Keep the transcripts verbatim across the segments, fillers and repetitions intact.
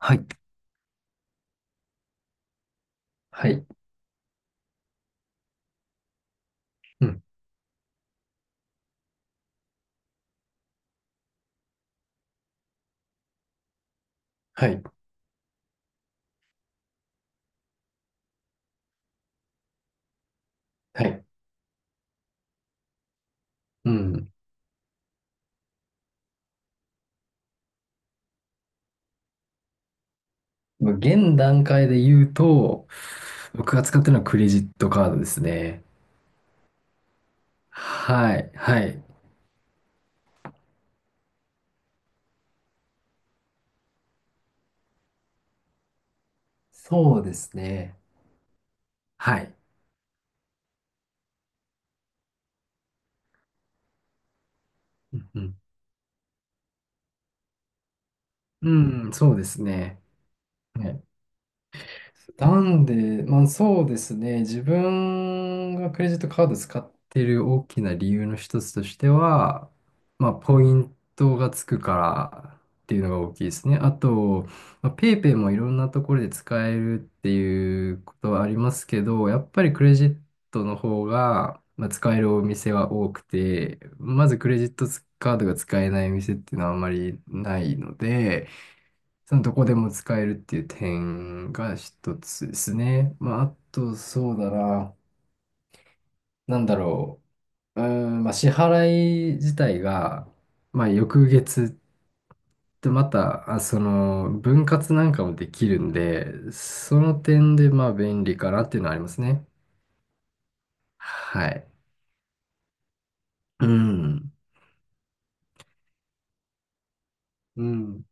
はい。はい。うん。はい。はい。うん。まあ現段階で言うと、僕が使ってるのはクレジットカードですね。はい。はい。そうですね。はい。うん、うん。うん、そうですね。ねなんで、まあそうですね、自分がクレジットカード使ってる大きな理由の一つとしては、まあポイントがつくからっていうのが大きいですね。あと、まあ、ペイペイもいろんなところで使えるっていうことはありますけど、やっぱりクレジットの方が、まあ、使えるお店は多くて、まずクレジットカードが使えないお店っていうのはあんまりないので、そのどこでも使えるっていう点が一つですね。まあ、あと、そうだな。なんだろう。うーん、まあ、支払い自体が、まあ、翌月ってまた、あ、その、分割なんかもできるんで、その点で、まあ、便利かなっていうのはありますね。はい。うん。うん。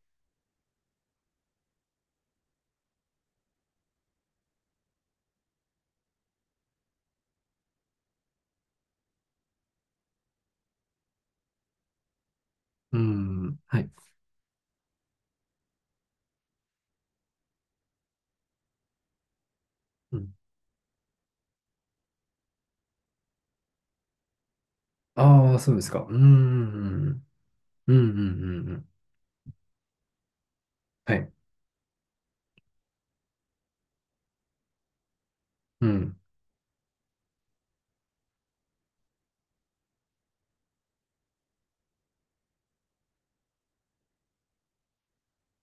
うん。はい。ああー、そうですか。うん。うん。うん。うん。うんうん、はい。うん。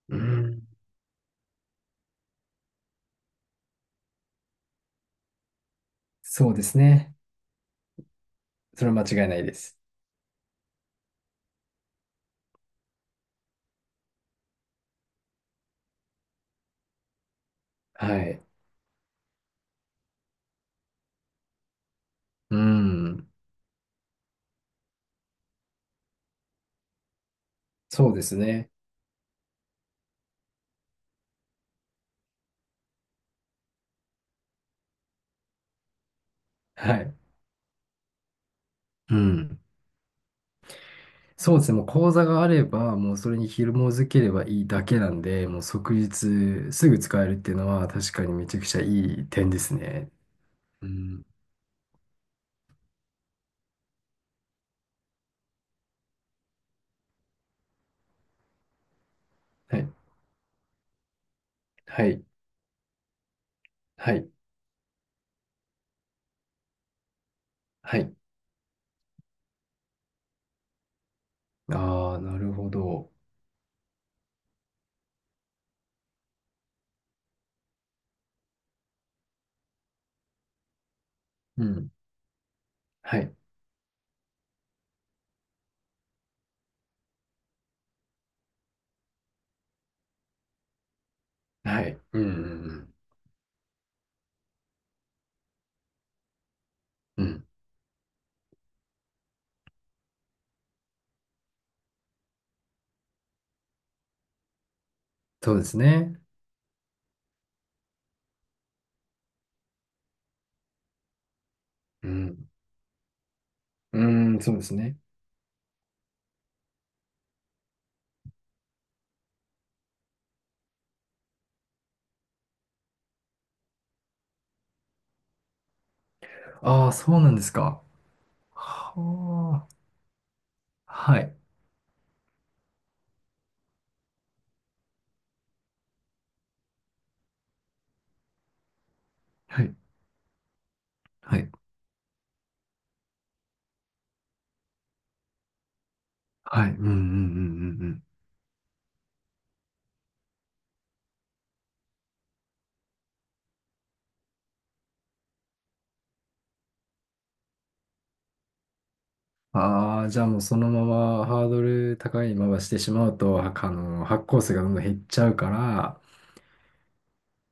うん。そうですね。それは間違いないです。はい。うん。そうですね。はい。うん。そうですね。もう口座があれば、もうそれに紐づければいいだけなんで、もう即日すぐ使えるっていうのは確かにめちゃくちゃいい点ですね。うん。はい。はい。はい。はい。ああ、なるほど。うん。はい。はい。うん。うん。うん、そうですね。うん。うん、そうですね。ああ、そうなんですか。はあ。はい。はい。はい、はい。うんうんうんうんうん。ああ、じゃあもうそのままハードル高いまましてしまうと、はあの、発行数がどんどん減っちゃうからっ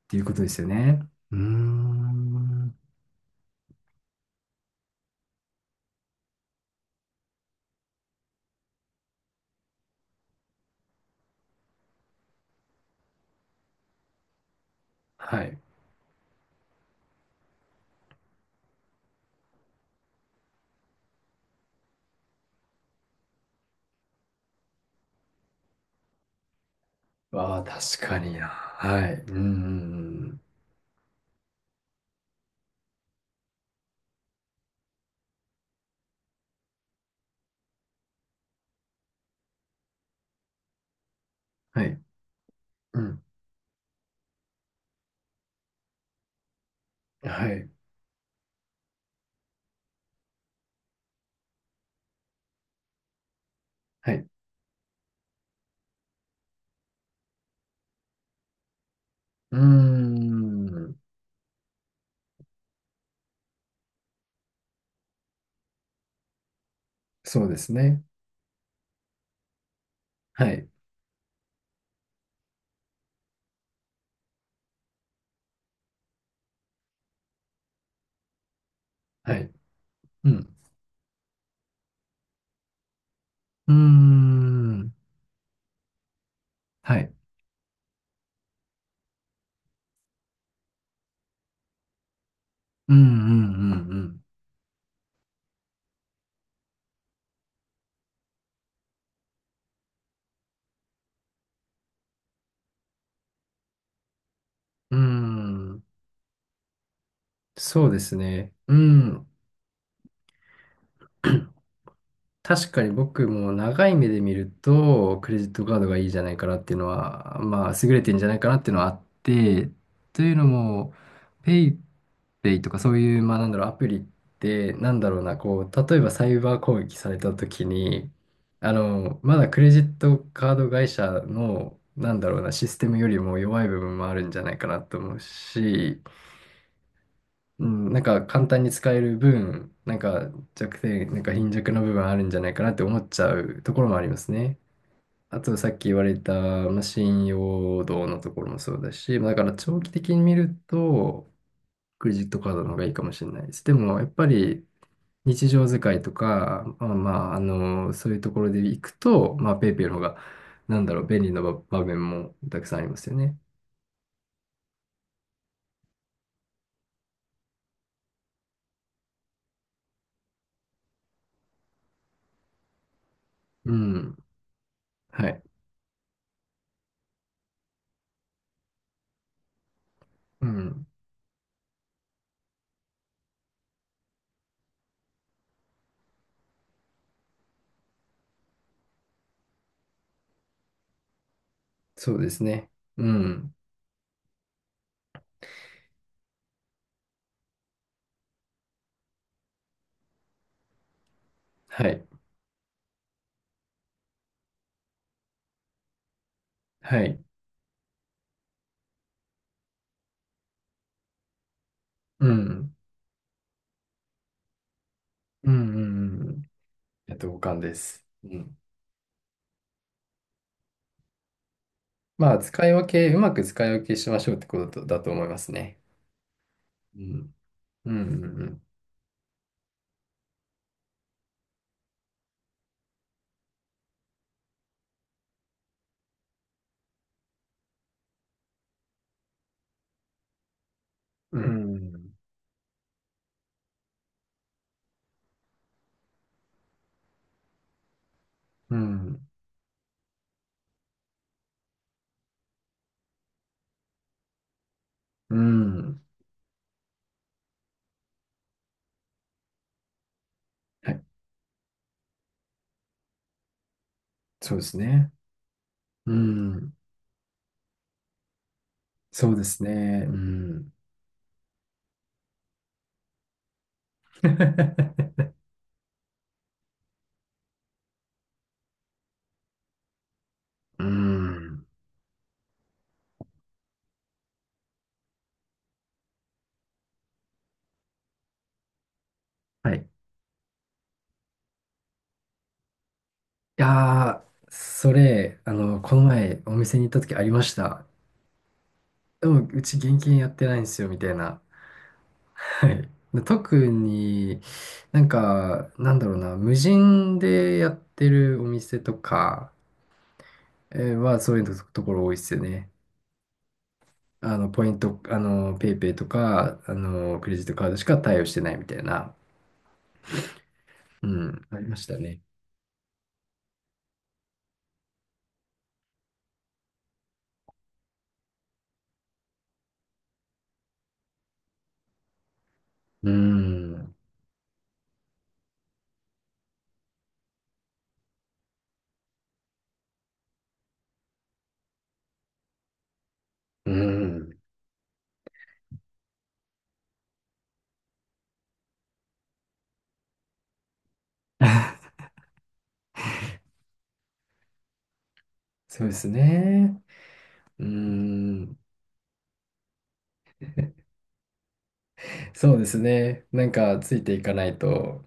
ていうことですよね。うーん。はい。ああ、確かにな。はい。うんうんうん。はい。うん。はい。はい。うーん。そうですね。はい。はい。うん。うーん。はい。うんうんうんうん。うーん。そうですね。うん。確かに僕も長い目で見ると、クレジットカードがいいんじゃないかなっていうのは、まあ、優れてんじゃないかなっていうのはあって、というのも、ペイペイとかそういう、まあ、なんだろう、アプリって、なんだろうな、こう、例えばサイバー攻撃された時に、あの、まだクレジットカード会社の、なんだろうな、システムよりも弱い部分もあるんじゃないかなと思うし、うん、なんか簡単に使える分、なんか弱点、なんか貧弱な部分あるんじゃないかなって思っちゃうところもありますね。あとさっき言われた、まあ、信用度のところもそうだし、まあだから長期的に見ると、クレジットカードの方がいいかもしれないです。でもやっぱり日常使いとか、まあ、まあ、あの、そういうところで行くと、まあ、ペイペイの方が、なんだろう、便利な場場面もたくさんありますよね。うん。はい。うん。そうですね。うん。はい。はい。うん。うん。うんうんうん、いや同感です。うん。まあ、使い分け、うまく使い分けしましょうってことだと思いますね。うん。うん。ううん。ん。うん。うん。うん、はい。そうですね。うん。そうですね。うん。うん。はい。いやー、それ、あの、この前お店に行った時ありました。でも、うち現金やってないんですよ、みたいな。はい。で特になんか、なんだろうな、無人でやってるお店とかえーはそういうと、ところ多いですよね。あの、ポイント、あの、ペイペイとか、あの、クレジットカードしか対応してないみたいな。うん、ありましたね。うん、うん、そうですね。うん、そうですね。なんか、ついていかないと。